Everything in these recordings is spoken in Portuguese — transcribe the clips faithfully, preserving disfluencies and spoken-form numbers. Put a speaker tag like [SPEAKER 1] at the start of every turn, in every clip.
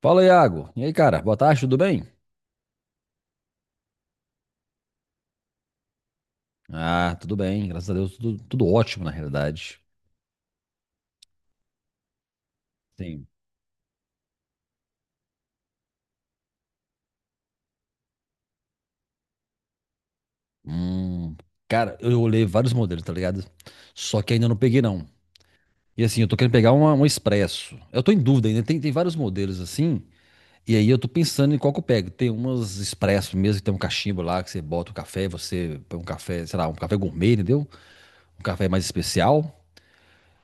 [SPEAKER 1] Fala, Iago. E aí, cara? Boa tarde, tudo bem? Ah, tudo bem, graças a Deus, tudo, tudo ótimo, na realidade. Sim. Hum, Cara, eu olhei vários modelos, tá ligado? Só que ainda não peguei, não. E assim, eu tô querendo pegar uma, um Expresso. Eu tô em dúvida ainda, tem, tem vários modelos assim, e aí eu tô pensando em qual que eu pego. Tem umas Expresso mesmo, que tem um cachimbo lá, que você bota o café, você põe um café, sei lá, um café gourmet, entendeu? Um café mais especial.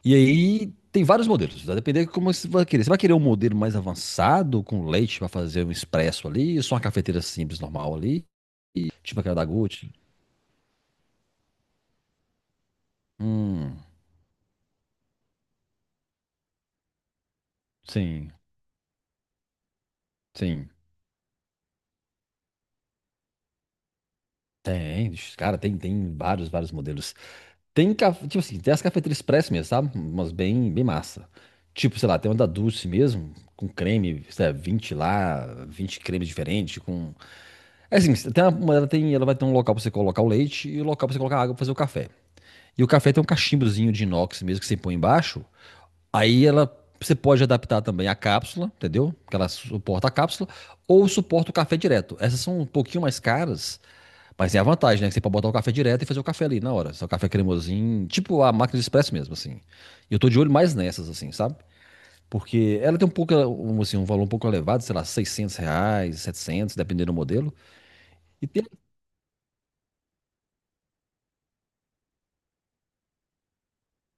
[SPEAKER 1] E aí tem vários modelos, vai depender de como você vai querer. Você vai querer um modelo mais avançado, com leite para fazer um expresso ali, ou só uma cafeteira simples, normal ali, tipo aquela da Gucci? Hum, sim, sim. Tem, ixi, cara, tem, tem vários, vários modelos. Tem, ca- tipo assim, tem as cafeterias express mesmo, sabe? Umas bem, bem massa. Tipo, sei lá, tem uma da Dulce mesmo, com creme, sei lá, vinte lá, vinte cremes diferentes, com... É assim, tem uma- ela, tem, ela vai ter um local pra você colocar o leite e o local pra você colocar a água pra fazer o café. E o café tem um cachimbozinho de inox mesmo que você põe embaixo. Aí ela você pode adaptar também a cápsula, entendeu? Que ela suporta a cápsula, ou suporta o café direto. Essas são um pouquinho mais caras, mas é a vantagem, né? Que você pode botar o café direto e fazer o café ali na hora. Só o café cremosinho, tipo a máquina de expresso mesmo, assim. E eu tô de olho mais nessas, assim, sabe? Porque ela tem um pouco, um, assim, um valor um pouco elevado, sei lá, seiscentos reais, setecentos dependendo do modelo. E tem...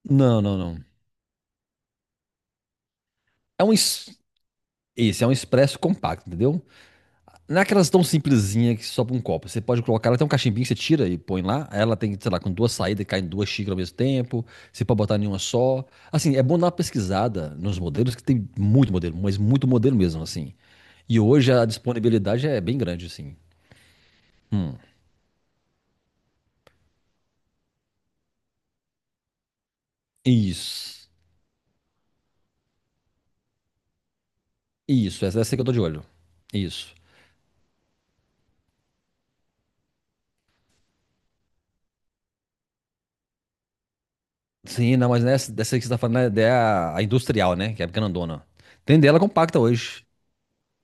[SPEAKER 1] Não, não, não. É um... es- Esse é um expresso compacto, entendeu? Não é aquelas tão simplesinha que sobe um copo. Você pode colocar, ela tem um cachimbinho que você tira e põe lá. Ela tem, sei lá, com duas saídas, cai em duas xícaras ao mesmo tempo. Você pode botar nenhuma só. Assim, é bom dar uma pesquisada nos modelos, que tem muito modelo, mas muito modelo mesmo, assim. E hoje a disponibilidade é bem grande, assim. Hum. Isso. Isso, essa é essa que eu tô de olho. Isso. Sim, não, mas nessa, dessa aí que você tá falando né? é a, a industrial, né? Que é a grandona. Tem dela compacta hoje.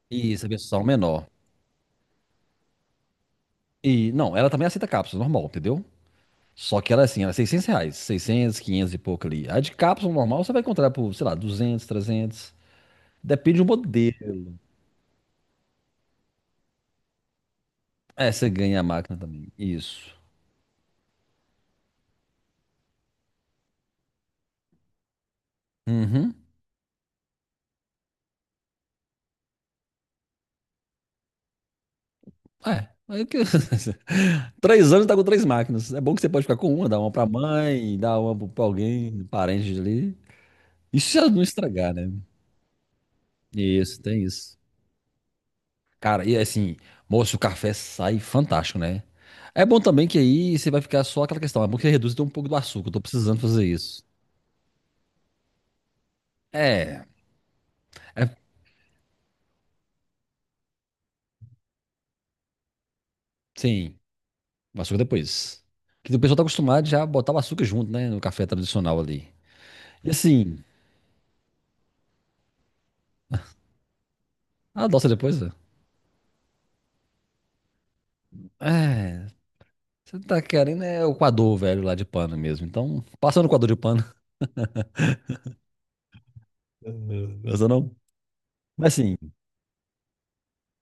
[SPEAKER 1] E essa versão menor. E, não, ela também aceita cápsula, normal, entendeu? Só que ela, é assim, era seiscentos reais, seiscentos, quinhentos e pouco ali. A de cápsula normal você vai encontrar por, sei lá, duzentos, trezentos. Depende do modelo. É, você ganha a máquina também. Isso. Uhum. É. Aí que- Três anos tá com três máquinas. É bom que você pode ficar com uma, dar uma pra mãe, dar uma pro- pra alguém, parente ali. Isso se ela não estragar, né? Isso, tem isso. Cara, e assim, moço, o café sai fantástico, né? É bom também que aí você vai ficar só aquela questão. É bom que reduz até um pouco do açúcar. Eu tô precisando fazer isso. É, é, sim, o açúcar depois. Que o pessoal tá acostumado já a botar o açúcar junto, né? No café tradicional ali. E assim, a adoça depois, velho. É, você tá querendo é o coador velho lá de pano mesmo. Então, passa no coador de pano. Essa não. Mas sim,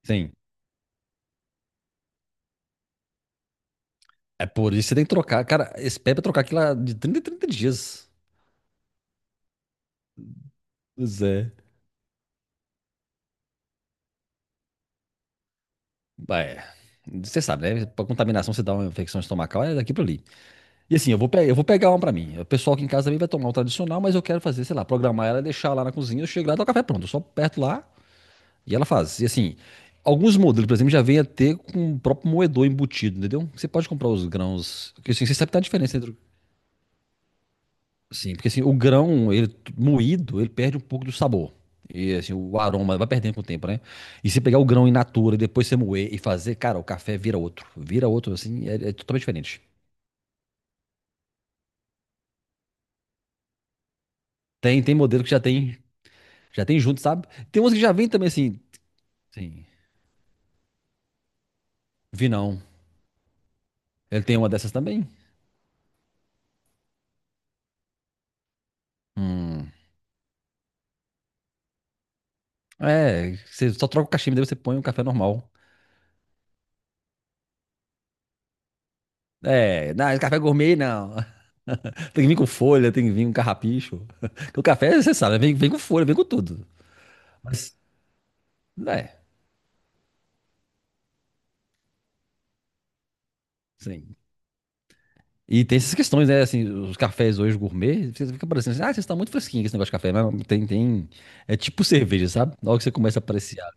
[SPEAKER 1] sim. É por isso que você tem que trocar. Cara, esse pé é pra trocar aquilo lá de trinta em trinta dias. Pois é. É. Você sabe, né? Pra contaminação, você dá uma infecção estomacal, é daqui pra ali. E assim, eu vou, pe- eu vou pegar uma pra mim. O pessoal aqui em casa também vai tomar o tradicional, mas eu quero fazer, sei lá, programar ela, deixar lá na cozinha, eu chego lá, dá o café pronto. Eu só aperto lá e ela faz. E assim, alguns modelos, por exemplo, já vem a ter com o próprio moedor embutido, entendeu? Você pode comprar os grãos. Porque assim, você sabe que tá a diferença entre. Sim, porque assim, o grão, ele t- moído, ele perde um pouco do sabor. E assim, o aroma vai perdendo com o tempo, né? E se pegar o grão in natura e depois você moer e fazer, cara, o café vira outro. Vira outro, assim, é, é totalmente diferente. Tem, tem modelo que já tem Já tem junto, sabe? Tem umas que já vem também assim, sim. Vi não. Ele tem uma dessas também? Hum. É, você só troca o cachimbo, daí você põe um café normal. É, não, esse café gourmet não. Tem que vir com folha, tem que vir com carrapicho. Porque o café, você sabe, vem, vem com folha, vem com tudo. Mas, é, sim. E tem essas questões, né? Assim, os cafés hoje gourmet, você fica parecendo assim, ah, vocês estão muito fresquinhos com esse negócio de café. Mas tem, tem. É tipo cerveja, sabe? Na hora que você começa a apreciar,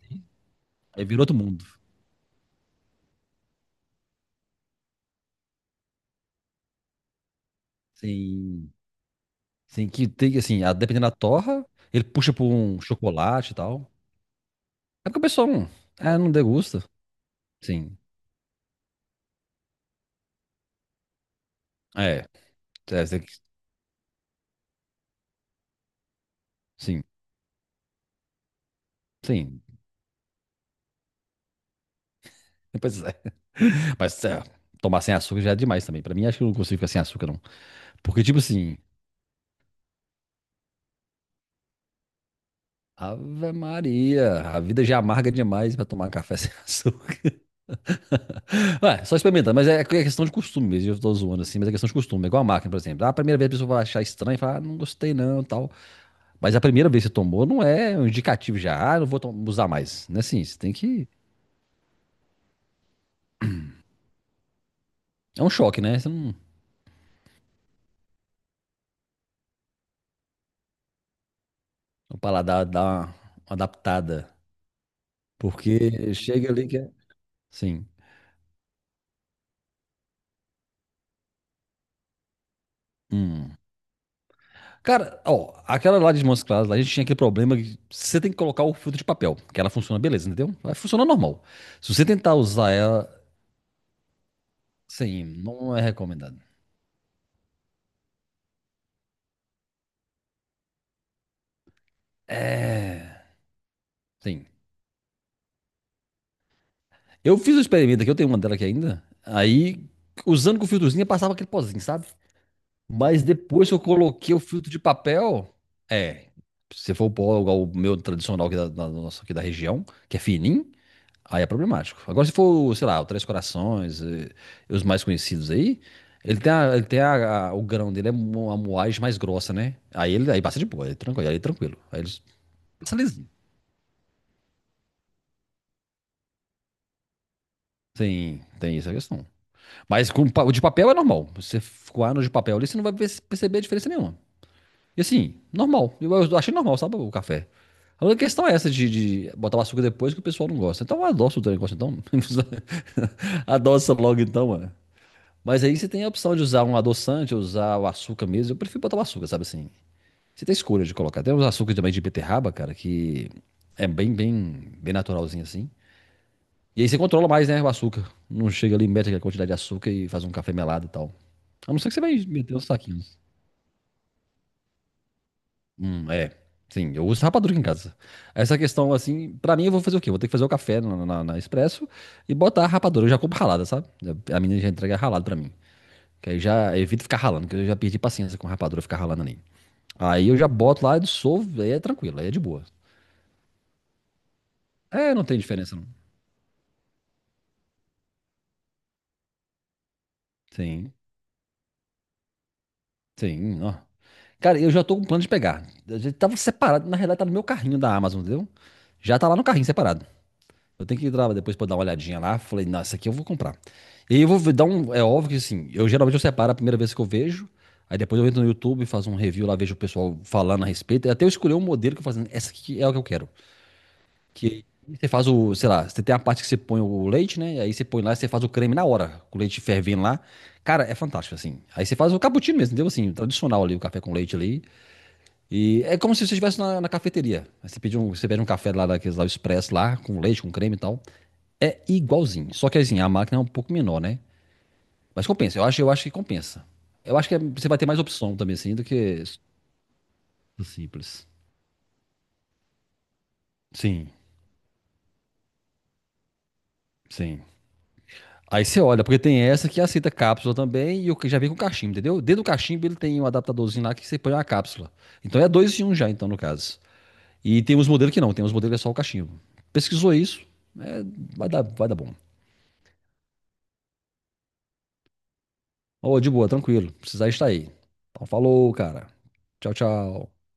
[SPEAKER 1] aí vira outro mundo. Sim. Assim, que tem, assim, a- dependendo da torra, ele puxa por um chocolate e tal. É porque o pessoal não, é, não degusta. Sim. É, é, você- sim, sim. Depois, é, mas é, tomar sem açúcar já é demais também. Pra mim, acho que eu não consigo ficar sem açúcar, não. Porque, tipo assim, Ave Maria, a vida já é amarga demais pra tomar café sem açúcar. Ué, só experimentando, mas é, é questão de costume mesmo. Eu tô zoando assim, mas é questão de costume. É igual a máquina, por exemplo. Ah, a primeira vez a pessoa vai achar estranho e falar, ah, não gostei não, tal. Mas a primeira vez que você tomou não é um indicativo já, ah, não vou to- usar mais. Não é assim, você tem que. É um choque, né? Você não. O paladar dá uma, uma adaptada. Porque chega ali que é. Sim. Hum. Cara, ó, aquela lá de Montes Claros, lá a gente tinha aquele problema que você tem que colocar o filtro de papel, que ela funciona beleza, entendeu? Vai funcionar normal. Se você tentar usar ela, sim, não é recomendado. É. Sim. Eu fiz um experimento aqui, eu tenho uma dela aqui ainda. Aí, usando com o filtrozinho, passava aquele pozinho, sabe? Mas depois que eu coloquei o filtro de papel, é. Se for o pó igual o meu tradicional aqui da, da- nosso aqui da região, que é fininho, aí é problemático. Agora, se for, sei lá, o Três Corações, eh, os mais conhecidos aí, ele tem, a- ele tem a- a- o grão dele é mo- uma moagem mais grossa, né? Aí ele aí passa de boa, aí tranquilo, aí tranquilo. Aí eles são lisinhos. Tem, tem essa questão. Mas com pa- o de papel é normal. Você coar no de papel ali, você não vai perce- perceber a diferença nenhuma. E assim, normal. Eu, eu achei normal, sabe, o café. A única questão é essa de, de botar o açúcar depois que o pessoal não gosta. Então adoça o teu negócio, então. Adoça logo, então, mano. Mas aí você tem a opção de usar um adoçante, usar o açúcar mesmo. Eu prefiro botar o açúcar, sabe assim. Você tem escolha de colocar. Tem uns açúcares também de beterraba, cara, que é bem, bem, bem naturalzinho assim. E aí você controla mais, né, o açúcar. Não chega ali, mete aquela quantidade de açúcar e faz um café melado e tal. A não ser que você vai meter uns saquinhos. Hum, é. Sim, eu uso rapadura em casa. Essa questão, assim, pra mim eu vou fazer o quê? Eu vou ter que fazer o café na, na, na Expresso e botar a rapadura. Eu já compro ralada, sabe? A menina já entrega ralado pra mim. Que aí já evito ficar ralando, que eu já perdi paciência com rapadura ficar ralando ali. Aí eu já boto lá, dissolvo, aí é tranquilo, aí é de boa. É, não tem diferença não. Sim, sim, ó. Cara, eu já tô com plano de pegar. A gente tava separado, na realidade tá no meu carrinho da Amazon, entendeu? Já tá lá no carrinho separado. Eu tenho que ir lá depois pra dar uma olhadinha lá. Falei, não, essa aqui eu vou comprar. E aí eu vou dar um. É óbvio que assim, eu geralmente eu separo a primeira vez que eu vejo. Aí depois eu entro no YouTube, faço um review lá, vejo o pessoal falando a respeito. Até eu escolher um modelo que eu falo, assim, essa aqui é o que eu quero. Que você faz o, sei lá, você tem a parte que você põe o leite, né? Aí você põe lá e você faz o creme na hora, com o leite fervendo lá. Cara, é fantástico, assim. Aí você faz o cappuccino mesmo, entendeu? Assim, tradicional ali, o café com leite ali. E é como se você estivesse na, na cafeteria. Aí você pede um, você pede um café lá, daqueles lá, o expresso lá, com leite, com creme e tal. É igualzinho. Só que assim, a máquina é um pouco menor, né? Mas compensa. Eu acho, eu acho que compensa. Eu acho que é- você vai ter mais opção também, assim, do que o simples. Sim, sim. Aí você olha, porque tem essa que aceita cápsula também e o que já vem com cachimbo, entendeu? Dentro do cachimbo ele tem um adaptadorzinho lá que você põe uma cápsula. Então é dois em um já, então, no caso. E tem uns modelos que não, tem uns modelos que é só o cachimbo. Pesquisou isso, é, vai dar, vai dar bom. Ô, de boa, tranquilo. Precisar estar aí. Então, falou, cara. Tchau, tchau.